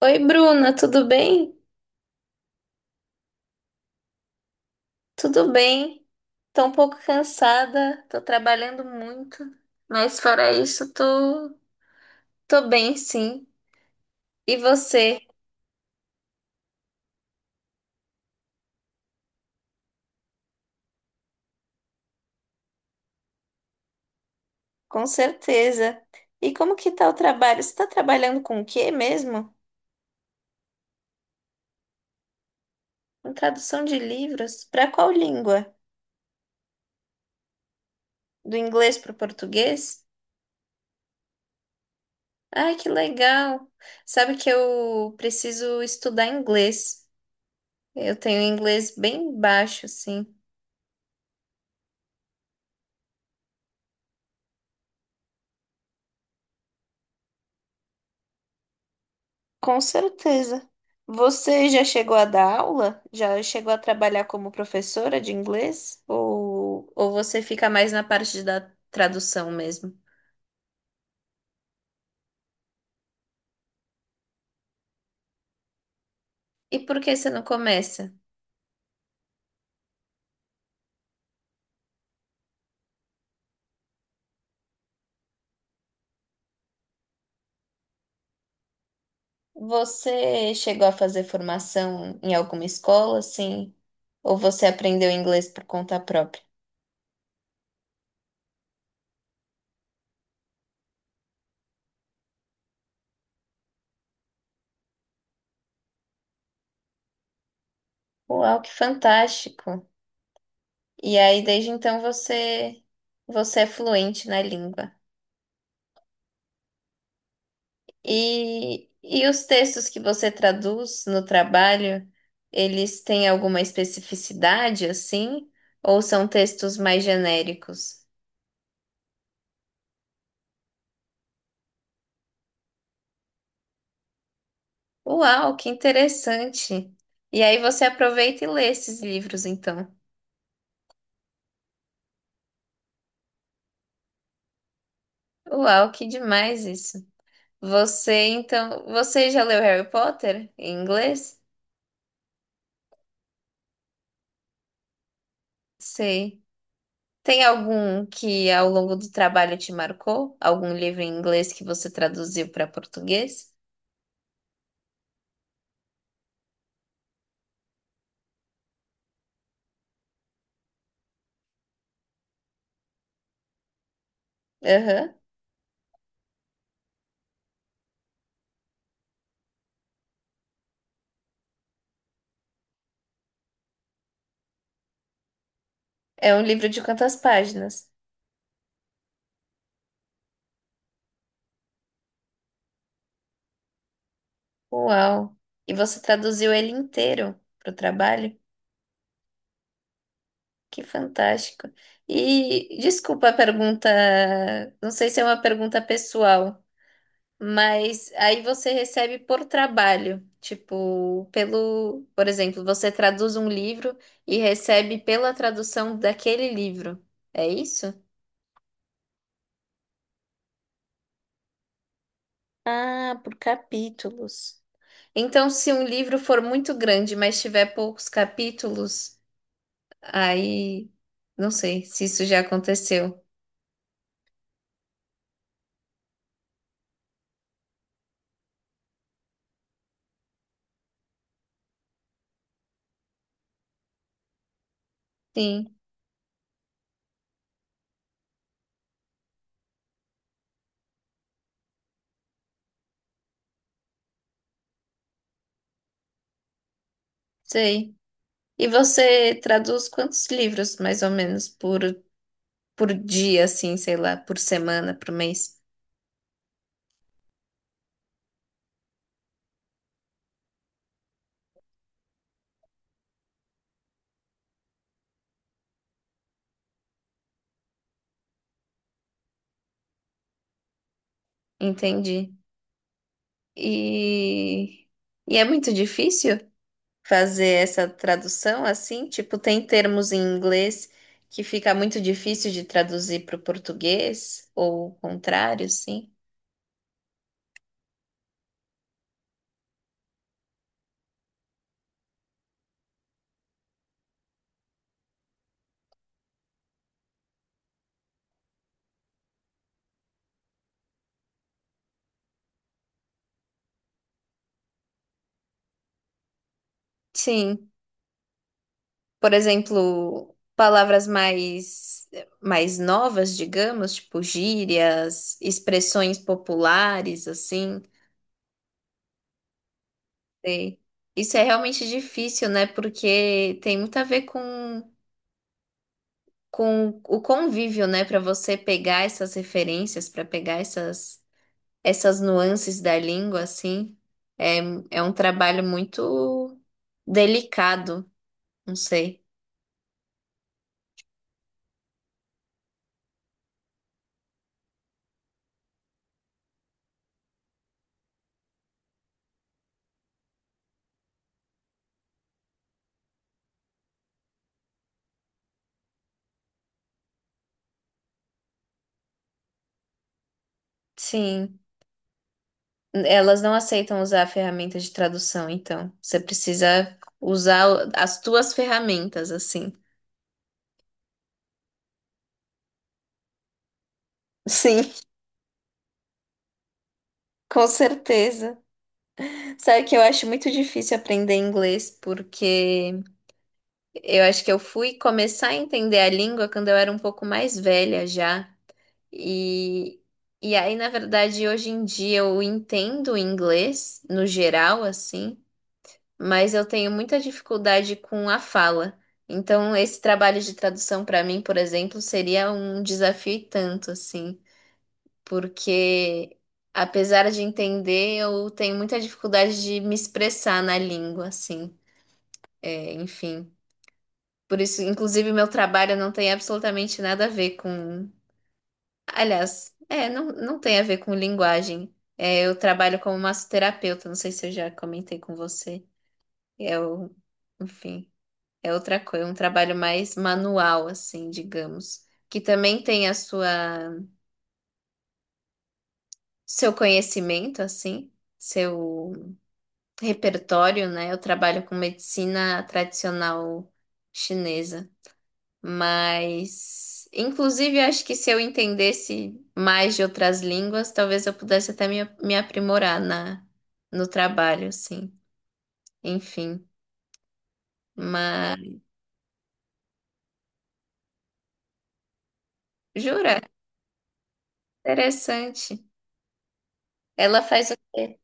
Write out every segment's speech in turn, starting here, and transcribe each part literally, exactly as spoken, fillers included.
Oi, Bruna, tudo bem? Tudo bem. Tô um pouco cansada, tô trabalhando muito, mas fora isso, tô, tô bem, sim. E você? Com certeza. E como que tá o trabalho? Você tá trabalhando com o quê mesmo? Com tradução de livros? Para qual língua? Do inglês para o português? Ai, que legal! Sabe que eu preciso estudar inglês. Eu tenho inglês bem baixo, sim. Com certeza. Você já chegou a dar aula? Já chegou a trabalhar como professora de inglês? Ou, ou você fica mais na parte da tradução mesmo? E por que você não começa? Você chegou a fazer formação em alguma escola, assim? Ou você aprendeu inglês por conta própria? Uau, que fantástico! E aí, desde então, você, você é fluente na língua. E, e os textos que você traduz no trabalho, eles têm alguma especificidade assim? Ou são textos mais genéricos? Uau, que interessante! E aí você aproveita e lê esses livros, então. Uau, que demais isso! Você, então, você já leu Harry Potter em inglês? Sei. Tem algum que ao longo do trabalho te marcou? Algum livro em inglês que você traduziu para português? Aham. É um livro de quantas páginas? Uau! E você traduziu ele inteiro para o trabalho? Que fantástico! E desculpa a pergunta, não sei se é uma pergunta pessoal, mas aí você recebe por trabalho, tipo, pelo, por exemplo, você traduz um livro e recebe pela tradução daquele livro. É isso? Ah, por capítulos. Então, se um livro for muito grande, mas tiver poucos capítulos. Aí, não sei se isso já aconteceu. Sim, sei. E você traduz quantos livros, mais ou menos, por, por dia, assim, sei lá, por semana, por mês? Entendi. E, e é muito difícil fazer essa tradução assim? Tipo, tem termos em inglês que fica muito difícil de traduzir para o português, ou o contrário, sim? Sim. Por exemplo, palavras mais, mais novas, digamos, tipo gírias, expressões populares, assim. Sei. Isso é realmente difícil, né? Porque tem muito a ver com, com o convívio, né? Para você pegar essas referências, para pegar essas, essas nuances da língua, assim. É, é um trabalho muito delicado, não sei. Sim. Elas não aceitam usar a ferramenta de tradução, então. Você precisa usar o- as tuas ferramentas, assim. Sim, com certeza. Sabe que eu acho muito difícil aprender inglês, porque eu acho que eu fui começar a entender a língua quando eu era um pouco mais velha já. E, e aí, na verdade, hoje em dia eu entendo o inglês no geral, assim. Mas eu tenho muita dificuldade com a fala. Então, esse trabalho de tradução para mim, por exemplo, seria um desafio e tanto, assim, porque apesar de entender, eu tenho muita dificuldade de me expressar na língua, assim. É, enfim. Por isso, inclusive, meu trabalho não tem absolutamente nada a ver com. Aliás, é, não, não tem a ver com linguagem. É, eu trabalho como massoterapeuta, não sei se eu já comentei com você. Eu, enfim. É outra coisa, um trabalho mais manual, assim, digamos, que também tem a sua seu conhecimento, assim, seu repertório, né? Eu trabalho com medicina tradicional chinesa, mas inclusive acho que se eu entendesse mais de outras línguas, talvez eu pudesse até me, me aprimorar na no trabalho, assim. Enfim, mas jura? Interessante. Ela faz o quê?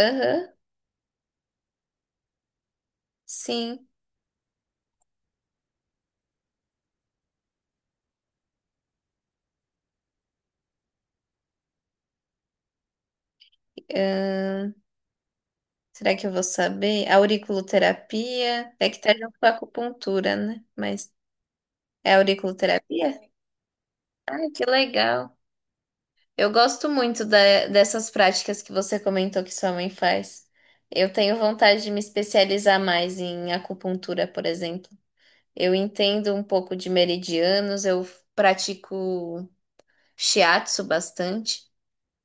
Aham, sim. Ah, será que eu vou saber? Auriculoterapia. É que tá junto com a acupuntura, né? Mas é auriculoterapia? Ai, que legal. Eu gosto muito da- dessas práticas que você comentou que sua mãe faz. Eu tenho vontade de me especializar mais em acupuntura, por exemplo. Eu entendo um pouco de meridianos, eu pratico shiatsu bastante.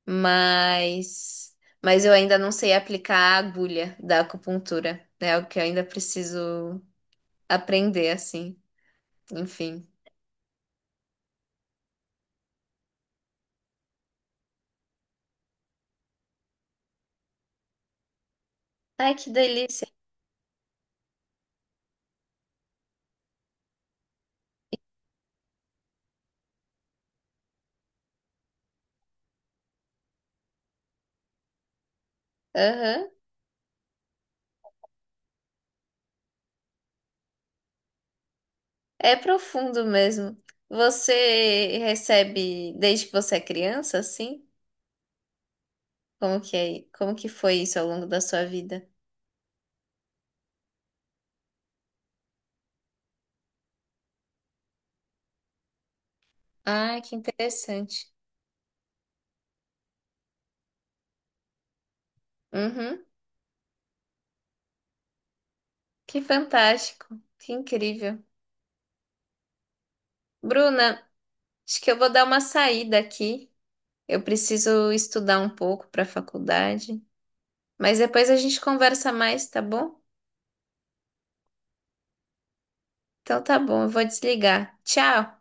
mas mas eu ainda não sei aplicar a agulha da acupuntura, né? É o que eu ainda preciso aprender assim. Enfim. Ai, que delícia. Aham. É profundo mesmo. Você recebe desde que você é criança, assim? Como que é? Como que foi isso ao longo da sua vida? Ai, que interessante. Uhum. Que fantástico. Que incrível. Bruna, acho que eu vou dar uma saída aqui. Eu preciso estudar um pouco para a faculdade, mas depois a gente conversa mais, tá bom? Então tá bom, eu vou desligar. Tchau!